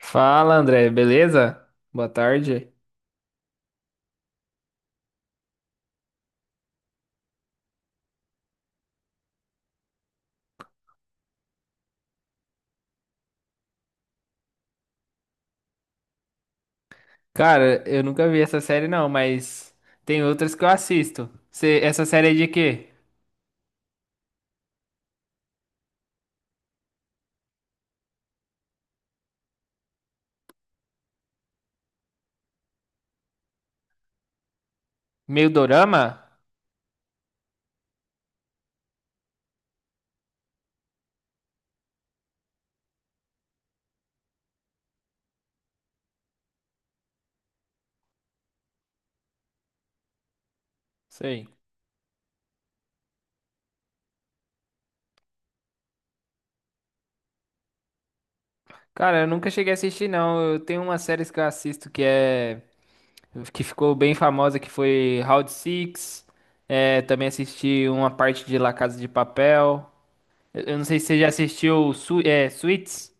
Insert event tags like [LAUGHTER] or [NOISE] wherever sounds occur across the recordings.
Fala, André, beleza? Boa tarde. Cara, eu nunca vi essa série não, mas tem outras que eu assisto. Essa série é de quê? Meio dorama? Sei. Cara, eu nunca cheguei a assistir não. Eu tenho umas séries que eu assisto que ficou bem famosa que foi Round Six. É, também assisti uma parte de La Casa de Papel. Eu não sei se você já assistiu Suits,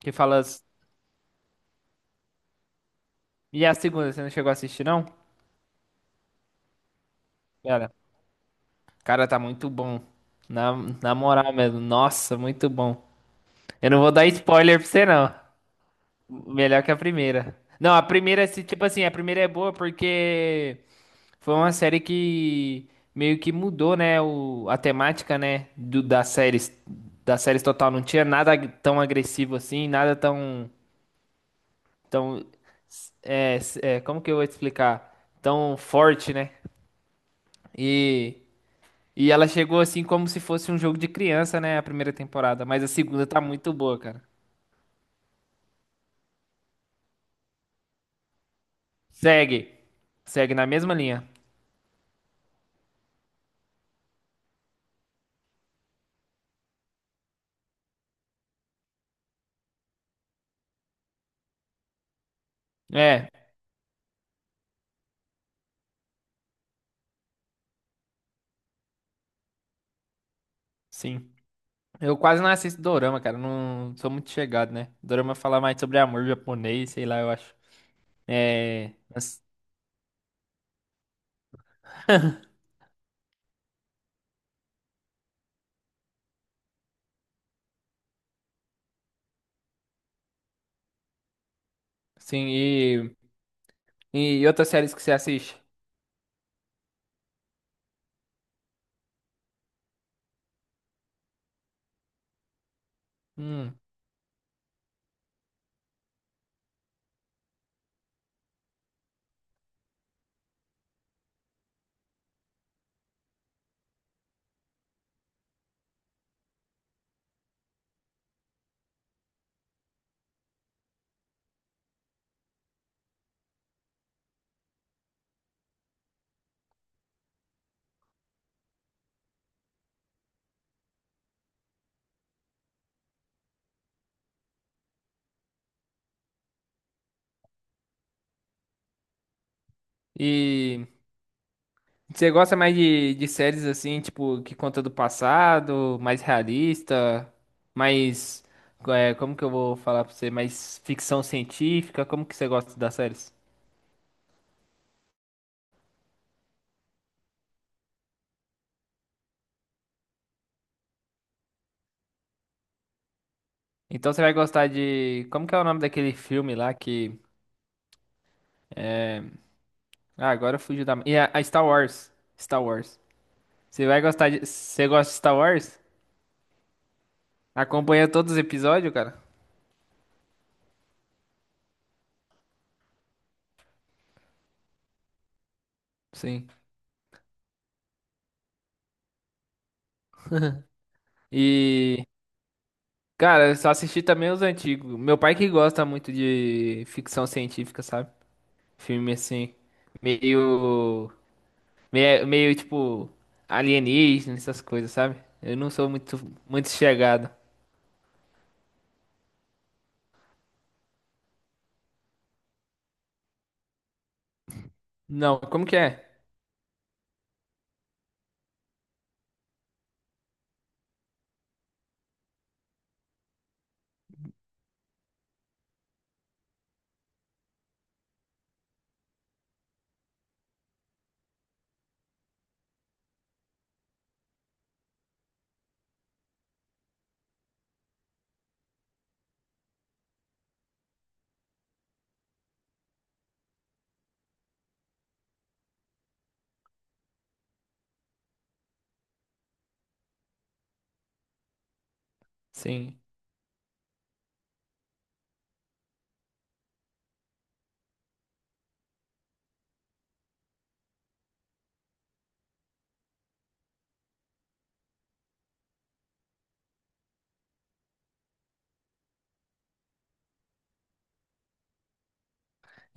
que fala. E a segunda, você não chegou a assistir não? Cara, tá muito bom. Na, na moral mesmo. Nossa, muito bom. Eu não vou dar spoiler pra você, não. Melhor que a primeira. Não, a primeira, tipo assim, a primeira é boa porque foi uma série que meio que mudou, né, a temática, né, das séries total. Não tinha nada tão agressivo assim, nada tão, tão, como que eu vou te explicar? Tão forte, né? E e ela chegou assim como se fosse um jogo de criança, né? A primeira temporada. Mas a segunda tá muito boa, cara. Segue. Segue na mesma linha. É, sim. Eu quase não assisto dorama, cara. Não sou muito chegado, né? Dorama fala mais sobre amor japonês, sei lá, eu acho. É. mas, Sim, e. E outras séries que você assiste? Hum. E. Você gosta mais de séries assim, tipo, que conta do passado, mais realista, mais. É, como que eu vou falar pra você? Mais ficção científica? Como que você gosta das séries? Então você vai gostar de. Como que é o nome daquele filme lá que. Ah, agora fugiu da. E a Star Wars. Star Wars. Você vai gostar de. Você gosta de Star Wars? Acompanha todos os episódios, cara? Sim. E. Cara, eu só assisti também os antigos. Meu pai que gosta muito de ficção científica, sabe? Filme assim, meio, meio tipo alienígena, essas coisas, sabe? Eu não sou muito, muito chegado. Não, como que é? Sim.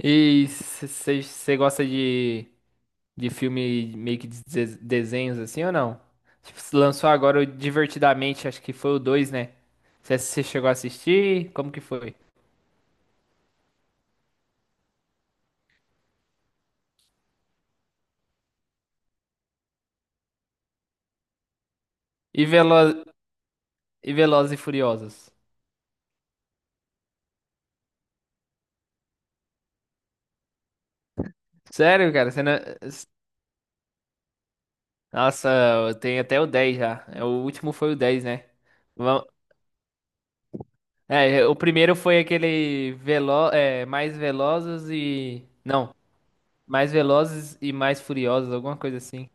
E você gosta de filme meio que de desenhos assim ou não? Tipo, se lançou agora o Divertidamente, acho que foi o dois, né? Você chegou a assistir? Como que foi? E, Velo e Velozes e Furiosos. Sério, cara? Você não... Nossa, eu tenho até o 10 já. É, o último foi o 10, né? Vam- É, o primeiro foi aquele mais velozes e. Não, mais velozes e mais furiosos, alguma coisa assim.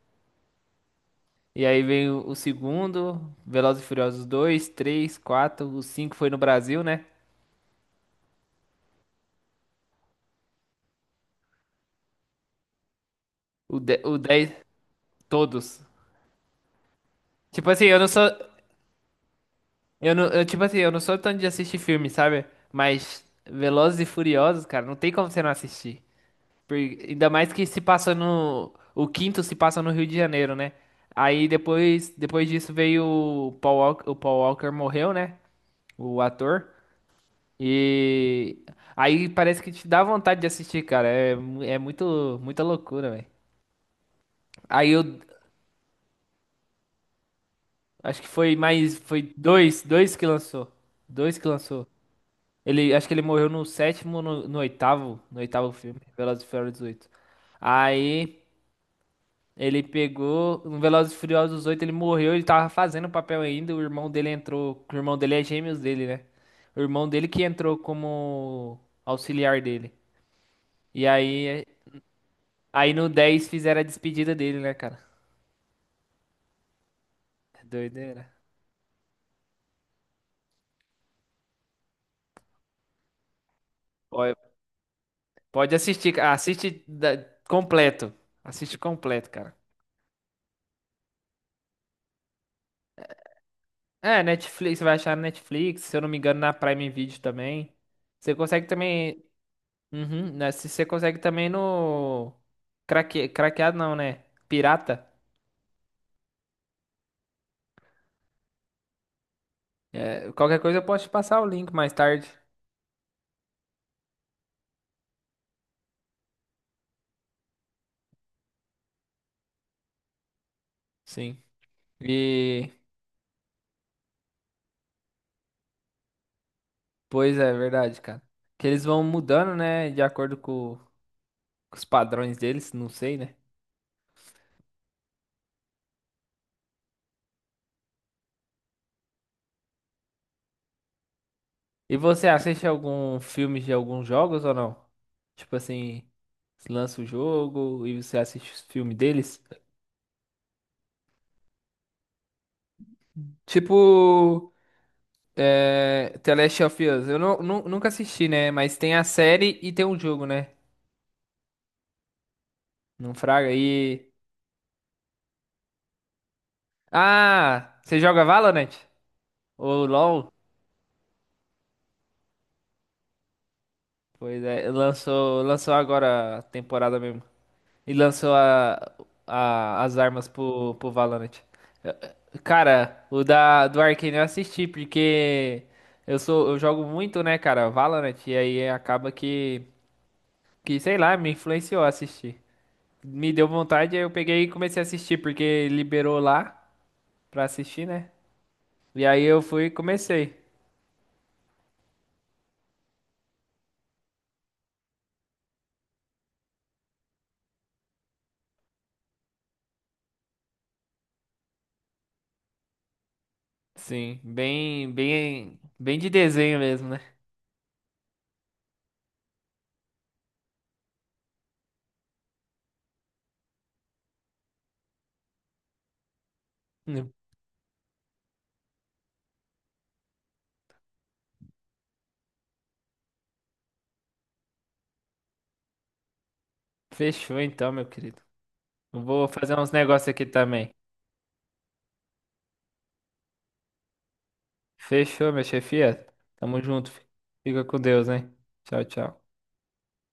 E aí veio o segundo, Velozes e Furiosos dois, 3, 4, o 5 foi no Brasil, né? O 10, todos. Tipo assim, eu não sou. Eu não, eu, tipo assim, eu não sou tanto de assistir filme, sabe? Mas Velozes e Furiosos, cara, não tem como você não assistir. Ainda mais que se passa no. O quinto se passa no Rio de Janeiro, né? Aí depois, depois disso veio o Paul Walker morreu, né? O ator. E aí parece que te dá vontade de assistir, cara. É, é muito, muita loucura, velho. Aí eu acho que foi mais. Foi dois que lançou. Dois que lançou. Ele, acho que ele morreu no sétimo, no oitavo, no oitavo filme, Velozes e Furiosos 8. Aí. Ele pegou no Velozes e Furiosos 8, ele morreu, ele tava fazendo o papel ainda, o irmão dele entrou, o irmão dele é gêmeos dele, né? O irmão dele que entrou como auxiliar dele. E aí, aí no 10 fizeram a despedida dele, né, cara? É doideira. Pode, pode assistir, cara. Completo. Assiste completo, cara. É, Netflix, você vai achar na Netflix, se eu não me engano, na Prime Video também. Você consegue também. Uhum, né? Se você consegue também no. Craque... craqueado não, né? Pirata. É, qualquer coisa eu posso te passar o link mais tarde. Sim. E. Pois é, verdade, cara. Que eles vão mudando, né? De acordo com os padrões deles, não sei, né? E você assiste algum filme de alguns jogos ou não? Tipo assim, se lança o jogo e você assiste os filmes deles? Tipo. É, The Last of Us. Eu não, nu- Nunca assisti, né? Mas tem a série e tem o jogo, né? Não fraga aí. Ah, você joga Valorant? Ou LoL? Pois é, lançou, lançou agora a temporada mesmo. E lançou as armas pro Valorant. Eh, Cara, o do Arcane eu assisti, porque eu jogo muito, né, cara, Valorant, e aí acaba que, sei lá, me influenciou a assistir. Me deu vontade, aí eu peguei e comecei a assistir, porque liberou lá pra assistir, né? E aí eu fui e comecei. Sim, bem, bem, bem de desenho mesmo, né? [LAUGHS] Hum. Fechou então, meu querido. Eu vou fazer uns negócios aqui também. Fechou, minha chefia. Tamo junto. Fi. Fica com Deus, hein? Tchau, tchau.